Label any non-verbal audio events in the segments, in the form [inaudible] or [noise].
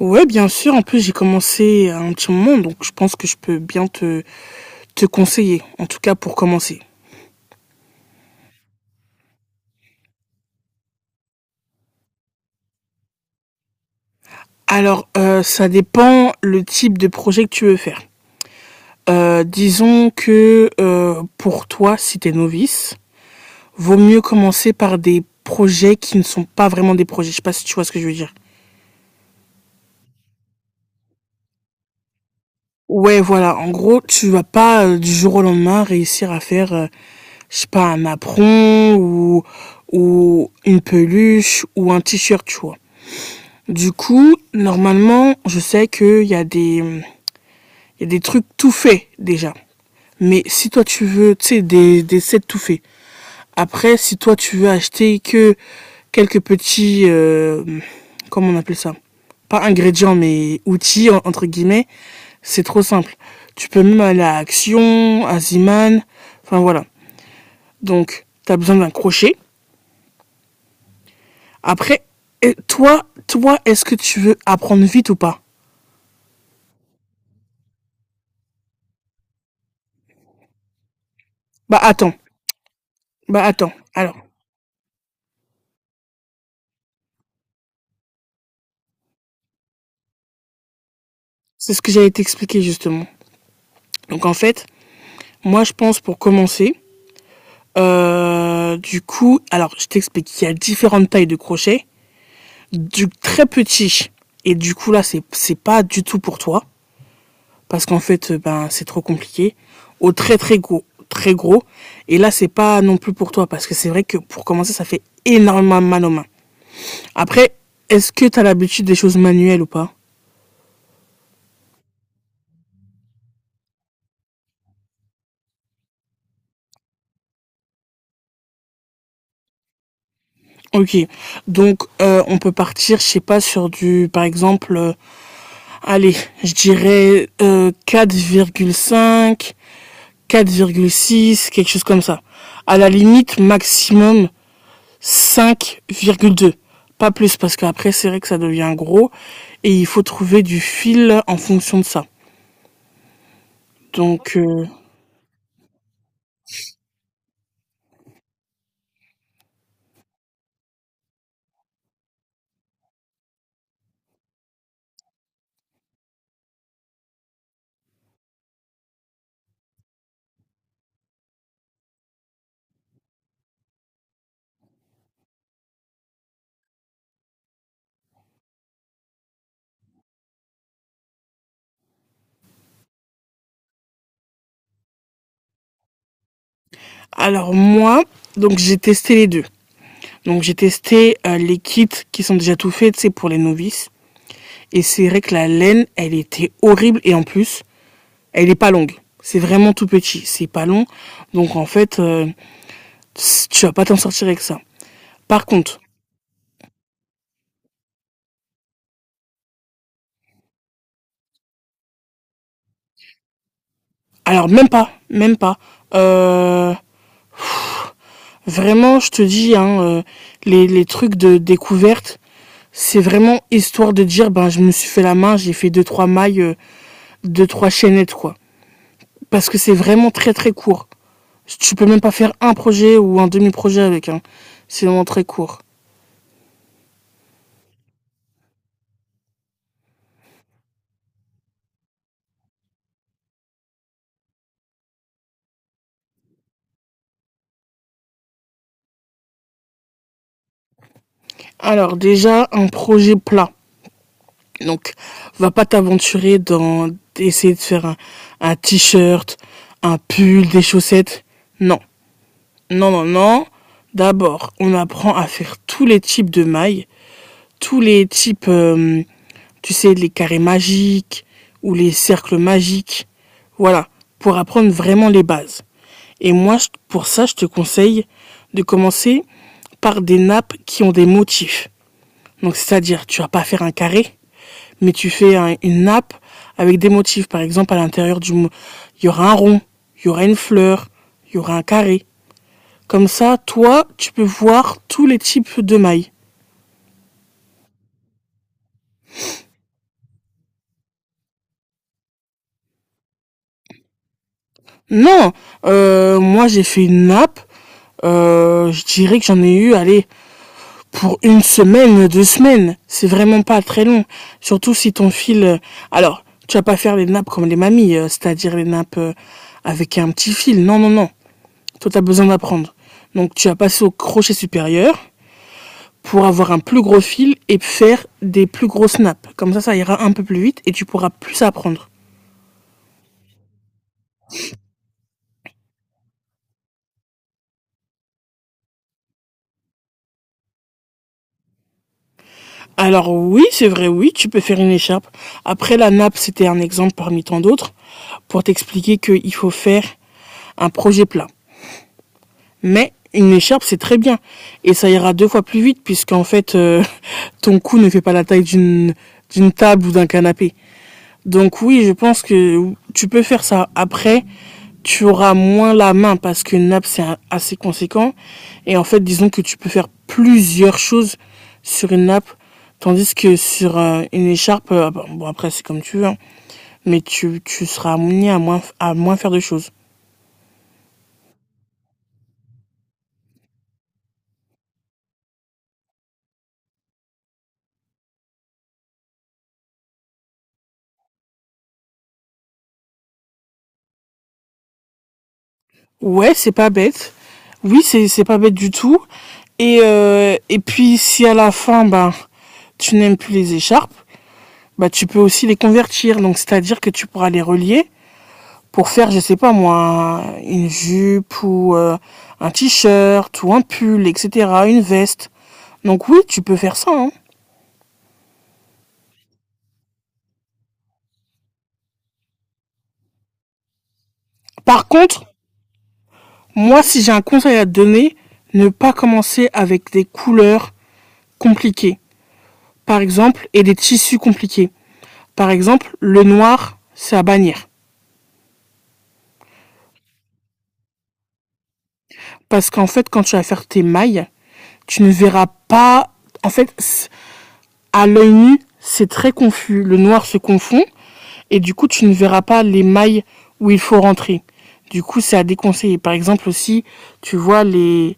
Ouais, bien sûr. En plus, j'ai commencé à un petit moment, donc je pense que je peux bien te conseiller, en tout cas pour commencer. Alors, ça dépend le type de projet que tu veux faire. Disons que pour toi, si t'es novice, vaut mieux commencer par des projets qui ne sont pas vraiment des projets. Je sais pas si tu vois ce que je veux dire. Ouais, voilà. En gros, tu vas pas du jour au lendemain réussir à faire, je sais pas, un apron ou une peluche ou un t-shirt, tu vois. Du coup, normalement, je sais qu'il y a il y a des trucs tout faits déjà. Mais si toi tu veux, tu sais, des sets tout faits. Après, si toi tu veux acheter que quelques petits, comment on appelle ça? Pas ingrédients, mais outils, entre guillemets, c'est trop simple. Tu peux même aller à Action, à Ziman, enfin voilà. Donc, tu as besoin d'un crochet. Après, et toi, est-ce que tu veux apprendre vite ou pas? Bah attends, bah attends. Alors, c'est ce que j'allais t'expliquer justement. Donc en fait, moi je pense pour commencer, du coup, alors je t'explique qu'il y a différentes tailles de crochets, du très petit, et du coup là c'est pas du tout pour toi parce qu'en fait ben c'est trop compliqué, au très très gros, très gros, et là c'est pas non plus pour toi parce que c'est vrai que pour commencer ça fait énormément mal aux mains. Après, est-ce que t'as l'habitude des choses manuelles ou pas? Ok, donc on peut partir, je sais pas, sur du, par exemple, allez, je dirais 4,5, 4,6, quelque chose comme ça. À la limite, maximum 5,2. Pas plus, parce qu'après, c'est vrai que ça devient gros. Et il faut trouver du fil en fonction de ça. Donc, alors moi, donc j'ai testé les deux. Donc j'ai testé les kits qui sont déjà tout faits, c'est pour les novices. Et c'est vrai que la laine, elle était horrible. Et en plus, elle est pas longue. C'est vraiment tout petit. C'est pas long. Donc en fait, tu vas pas t'en sortir avec ça. Par contre, alors même pas, même pas. Euh, vraiment, je te dis, hein, les trucs de découverte, c'est vraiment histoire de dire, ben je me suis fait la main, j'ai fait deux trois mailles, deux trois chaînettes quoi. Parce que c'est vraiment très très court. Tu peux même pas faire un projet ou un demi-projet avec. Hein. C'est vraiment très court. Alors déjà, un projet plat. Donc, va pas t'aventurer dans essayer de faire un t-shirt, un pull, des chaussettes. Non, non, non, non. D'abord, on apprend à faire tous les types de mailles, tous les types, tu sais, les carrés magiques ou les cercles magiques. Voilà, pour apprendre vraiment les bases. Et moi, pour ça, je te conseille de commencer par des nappes qui ont des motifs. Donc, c'est-à-dire, tu vas pas faire un carré, mais tu fais une nappe avec des motifs. Par exemple, à l'intérieur il y aura un rond, il y aura une fleur, il y aura un carré. Comme ça, toi, tu peux voir tous les types de mailles. Non, moi j'ai fait une nappe. Je dirais que j'en ai eu, allez, pour une semaine, deux semaines. C'est vraiment pas très long. Surtout si ton fil. Alors, tu vas pas faire les nappes comme les mamies, c'est-à-dire les nappes avec un petit fil. Non, non, non. Toi, t'as besoin d'apprendre. Donc, tu vas passer au crochet supérieur, pour avoir un plus gros fil et faire des plus gros snaps. Comme ça ira un peu plus vite et tu pourras plus apprendre. Alors oui, c'est vrai, oui, tu peux faire une écharpe. Après, la nappe, c'était un exemple parmi tant d'autres pour t'expliquer qu'il faut faire un projet plat. Mais une écharpe, c'est très bien. Et ça ira deux fois plus vite puisqu'en fait, [laughs] ton cou ne fait pas la taille d'une table ou d'un canapé. Donc oui, je pense que tu peux faire ça. Après, tu auras moins la main parce qu'une nappe, c'est assez conséquent. Et en fait, disons que tu peux faire plusieurs choses sur une nappe, tandis que sur une écharpe, bon, bon, après, c'est comme tu veux, hein. Mais tu seras amené à moins faire de choses. Ouais, c'est pas bête. Oui, c'est pas bête du tout. Et puis, si à la fin, ben, tu n'aimes plus les écharpes, bah, tu peux aussi les convertir. Donc, c'est-à-dire que tu pourras les relier pour faire, je sais pas moi, une jupe ou un t-shirt ou un pull, etc., une veste. Donc oui, tu peux faire ça. Hein. Par contre, moi, si j'ai un conseil à te donner, ne pas commencer avec des couleurs compliquées. Par exemple, et des tissus compliqués. Par exemple, le noir, c'est à bannir. Parce qu'en fait, quand tu vas faire tes mailles, tu ne verras pas. En fait, à l'œil nu, c'est très confus, le noir se confond et du coup tu ne verras pas les mailles où il faut rentrer. Du coup, c'est à déconseiller. Par exemple aussi, tu vois les,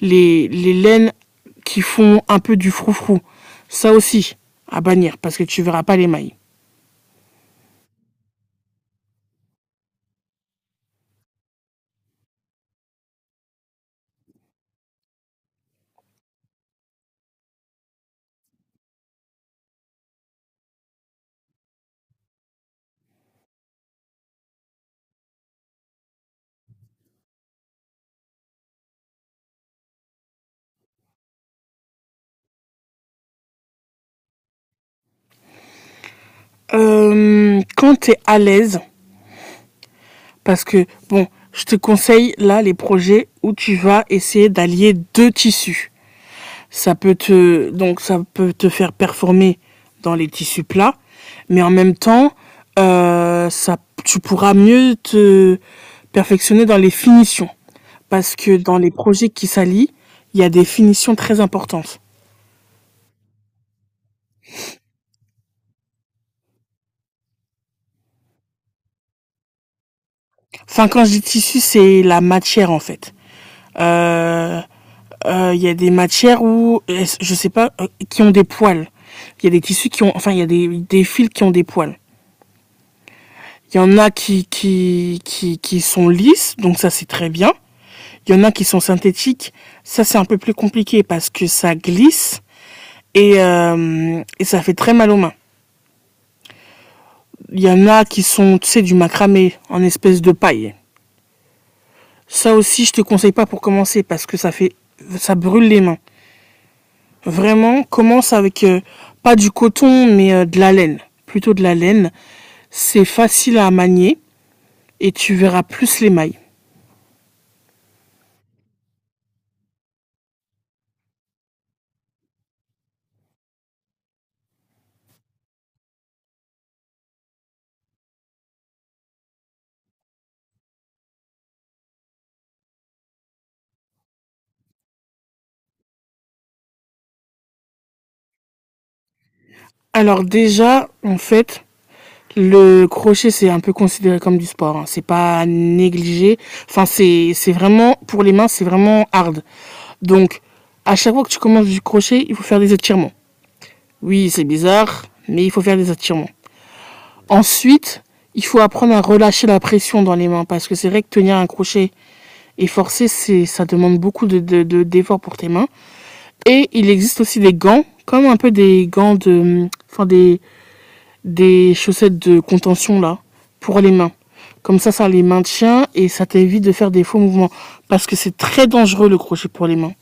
les, les laines qui font un peu du froufrou. Ça aussi, à bannir parce que tu verras pas les mailles. Quand tu es à l'aise, parce que bon, je te conseille là les projets où tu vas essayer d'allier deux tissus. Donc ça peut te faire performer dans les tissus plats, mais en même temps, ça, tu pourras mieux te perfectionner dans les finitions. Parce que dans les projets qui s'allient, il y a des finitions très importantes. Enfin, quand je dis tissu, c'est la matière en fait. Euh, il y a des matières où, je sais pas, qui ont des poils. Il y a des tissus qui ont, enfin, il y a des fils qui ont des poils. Il y en a qui sont lisses, donc ça c'est très bien. Il y en a qui sont synthétiques, ça c'est un peu plus compliqué parce que ça glisse et ça fait très mal aux mains. Il y en a qui sont, tu sais, du macramé en espèce de paille. Ça aussi, je te conseille pas pour commencer parce que ça brûle les mains. Vraiment, commence avec pas du coton mais de la laine, plutôt de la laine. C'est facile à manier et tu verras plus les mailles. Alors déjà, en fait, le crochet, c'est un peu considéré comme du sport. Hein. C'est pas négligé. Enfin, c'est vraiment, pour les mains, c'est vraiment hard. Donc, à chaque fois que tu commences du crochet, il faut faire des étirements. Oui, c'est bizarre, mais il faut faire des étirements. Ensuite, il faut apprendre à relâcher la pression dans les mains parce que c'est vrai que tenir un crochet et forcer, ça demande beaucoup d'efforts pour tes mains. Et il existe aussi des gants, comme un peu des gants de, enfin des chaussettes de contention là pour les mains. Comme ça les maintient et ça t'évite de faire des faux mouvements parce que c'est très dangereux le crochet pour les mains.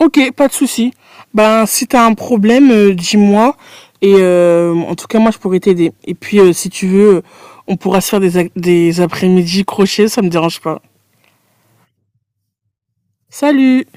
Ok, pas de souci. Ben si t'as un problème, dis-moi et en tout cas moi je pourrais t'aider. Et puis si tu veux, on pourra se faire des après-midi crochet, ça me dérange pas. Salut